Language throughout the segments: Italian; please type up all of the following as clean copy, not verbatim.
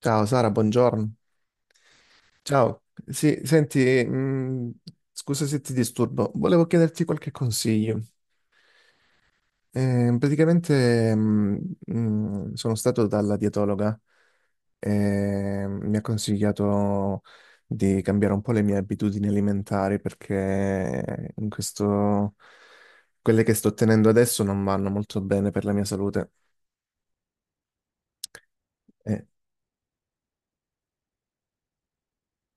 Ciao Sara, buongiorno. Ciao. Sì, senti, scusa se ti disturbo, volevo chiederti qualche consiglio. Praticamente sono stato dalla dietologa e mi ha consigliato di cambiare un po' le mie abitudini alimentari perché in questo, quelle che sto tenendo adesso non vanno molto bene per la mia salute.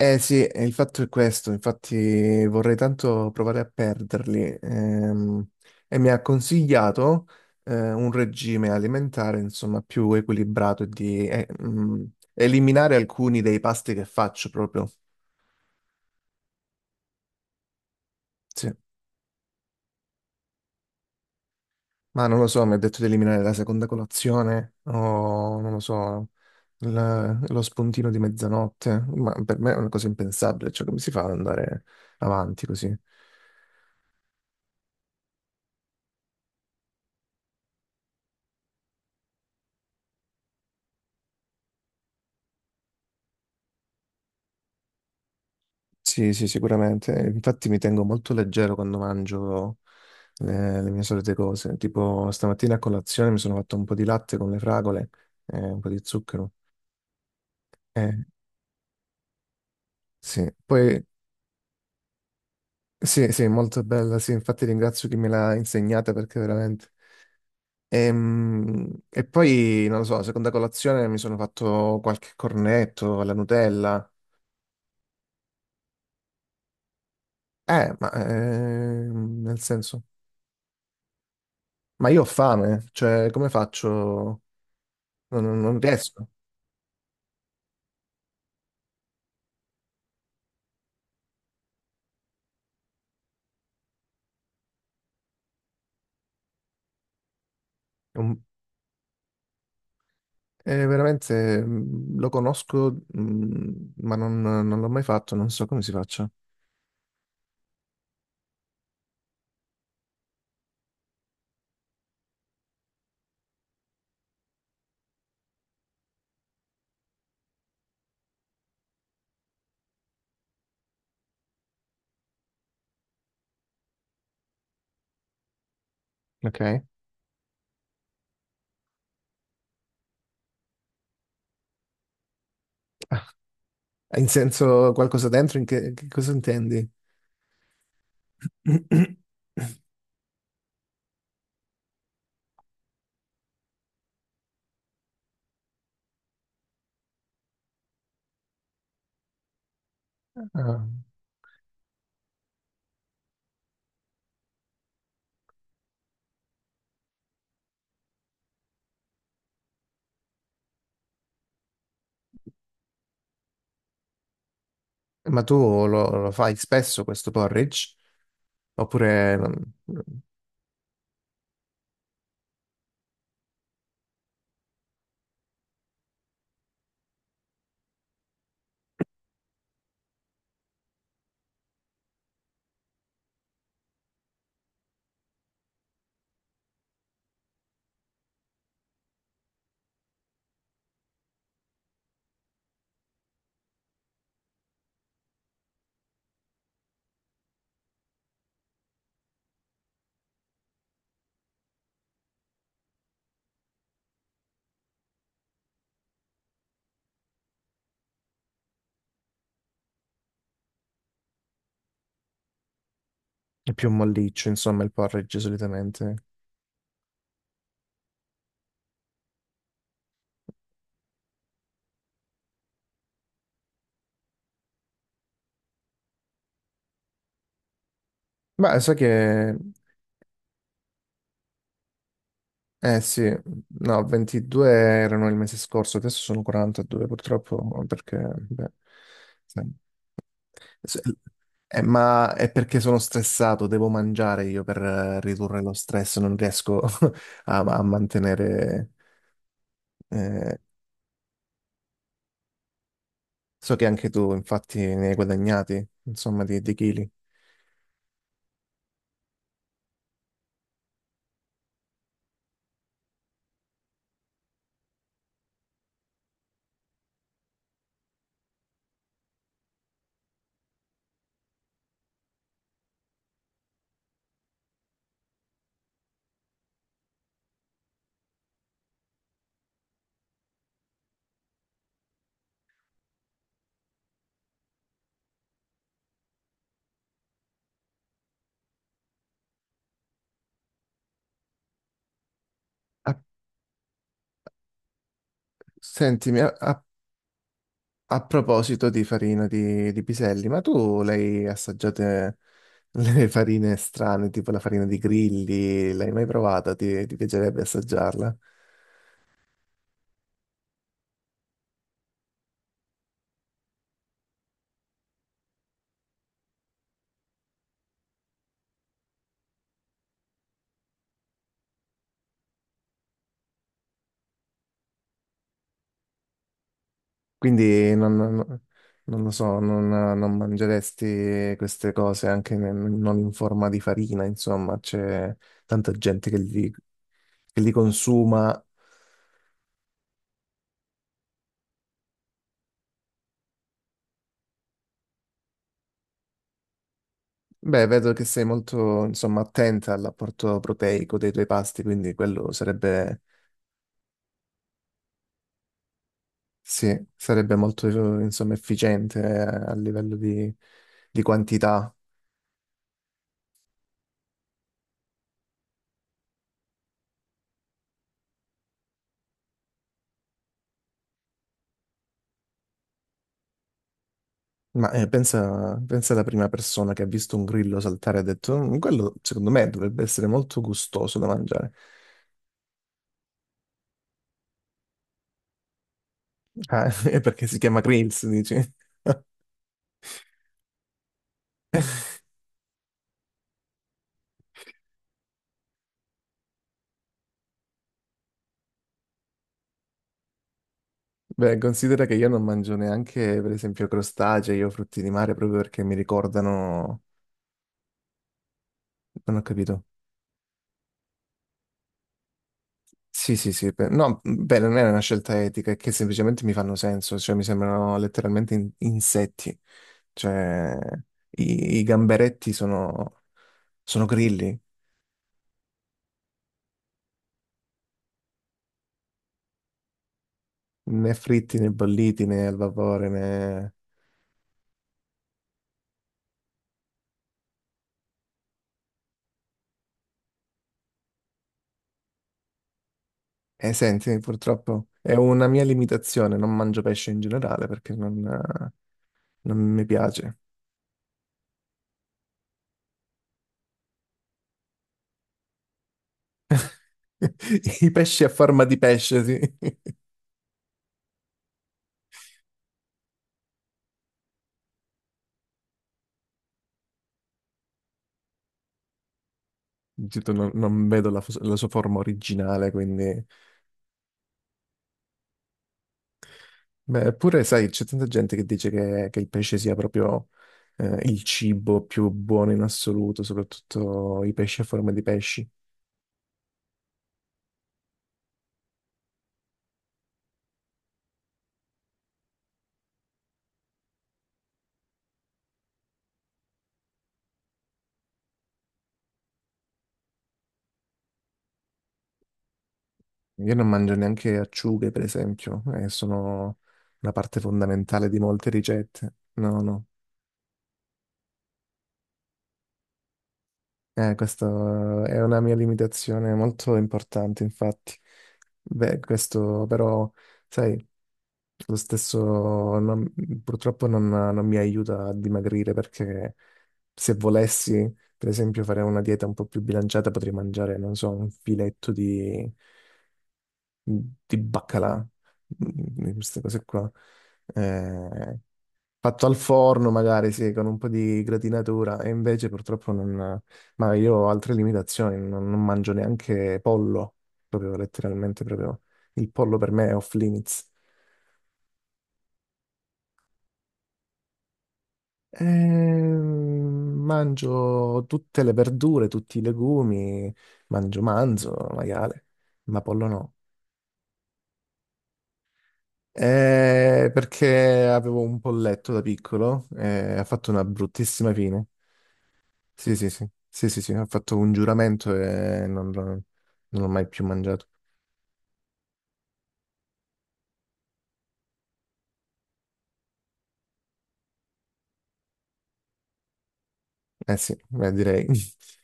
Eh sì, il fatto è questo, infatti vorrei tanto provare a perderli. E mi ha consigliato un regime alimentare, insomma, più equilibrato e di eliminare alcuni dei pasti che faccio proprio. Sì. Ma non lo so, mi ha detto di eliminare la seconda colazione o non lo so, lo spuntino di mezzanotte, ma per me è una cosa impensabile, cioè come si fa ad andare avanti così? Sì, sì, sicuramente. Infatti mi tengo molto leggero quando mangio le mie solite cose. Tipo stamattina a colazione mi sono fatto un po' di latte con le fragole e un po' di zucchero. Eh, sì, poi sì, sì, molto bella, sì, infatti ringrazio chi me l'ha insegnata perché veramente... E, poi, non lo so, seconda colazione mi sono fatto qualche cornetto alla Nutella. Ma nel senso... Ma io ho fame, cioè come faccio? Non riesco. È un- è veramente, lo conosco, ma non l'ho mai fatto, non so come si faccia. Ok. Ah, in senso qualcosa dentro, in che cosa intendi? Ah, ma tu lo fai spesso questo porridge? Oppure non- È più un molliccio, insomma, il porridge solitamente? Beh, sai che... Eh sì, no, 22 erano il mese scorso, adesso sono 42 purtroppo, perché... Beh, sai. S- eh, ma è perché sono stressato, devo mangiare io per ridurre lo stress, non riesco a mantenere... eh, so che anche tu, infatti, ne hai guadagnati, insomma, di chili. Ah, sentimi, a proposito di farina di piselli, ma tu l'hai assaggiate le farine strane, tipo la farina di grilli, l'hai mai provata? Ti piacerebbe assaggiarla? Quindi non, non- Non lo so, non mangeresti queste cose anche non in forma di farina, insomma, c'è tanta gente che che li consuma. Beh, vedo che sei molto, insomma, attenta all'apporto proteico dei tuoi pasti, quindi quello sarebbe, sì, sarebbe molto, insomma, efficiente a livello di quantità. Ma pensa alla prima persona che ha visto un grillo saltare e ha detto: "Mm, quello secondo me dovrebbe essere molto gustoso da mangiare. Ah, è perché si chiama grills, dici? Beh, considera che io non mangio neanche, per esempio, crostacei o frutti di mare proprio perché mi ricordano. Non ho capito. Sì, sì, sì. No, mhmm, beh, non è una scelta etica, è che semplicemente mi fanno senso, cioè mi sembrano letteralmente insetti. Cioè, i gamberetti sono, sono grilli. Né fritti né bolliti né al vapore né... senti, purtroppo è una mia limitazione, non mangio pesce in generale perché non mi piace. I pesci a forma di pesce, sì. Giusto, non vedo la sua forma originale, quindi... Beh, eppure, sai, c'è tanta gente che dice che il pesce sia proprio il cibo più buono in assoluto, soprattutto i pesci a forma di pesci. Io non mangio neanche acciughe, per esempio, e sono una parte fondamentale di molte ricette. No, no. Questa è una mia limitazione molto importante, infatti. Beh, questo però, sai, lo stesso non- purtroppo non mi aiuta a dimagrire perché se volessi, per esempio, fare una dieta un po' più bilanciata, potrei mangiare, non so, un filetto di baccalà, di queste cose qua. Eh, fatto al forno magari, sì, con un po' di gratinatura, e invece purtroppo non... Ma io ho altre limitazioni, non mangio neanche pollo, proprio letteralmente, proprio il pollo per me è off limits. Mangio tutte le verdure, tutti i legumi, mangio manzo, maiale, ma pollo no. Perché avevo un polletto da piccolo e ha fatto una bruttissima fine. Sì, sì, sì, sì, sì, sì, ha fatto un giuramento e non l'ho mai più mangiato. Eh sì, beh, direi.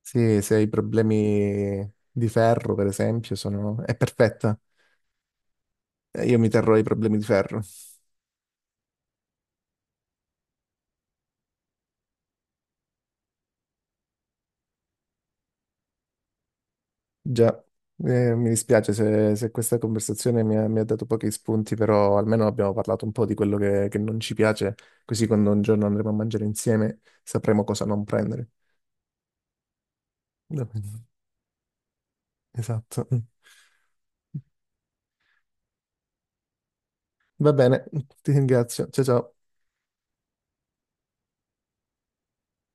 Sì, se hai problemi di ferro, per esempio, sono... è perfetta. Io mi terrò i problemi di ferro. Già, mi dispiace se, se questa conversazione mi ha dato pochi spunti, però almeno abbiamo parlato un po' di quello che non ci piace, così quando un giorno andremo a mangiare insieme sapremo cosa non prendere. Esatto. Va bene, ti ringrazio. Ciao ciao.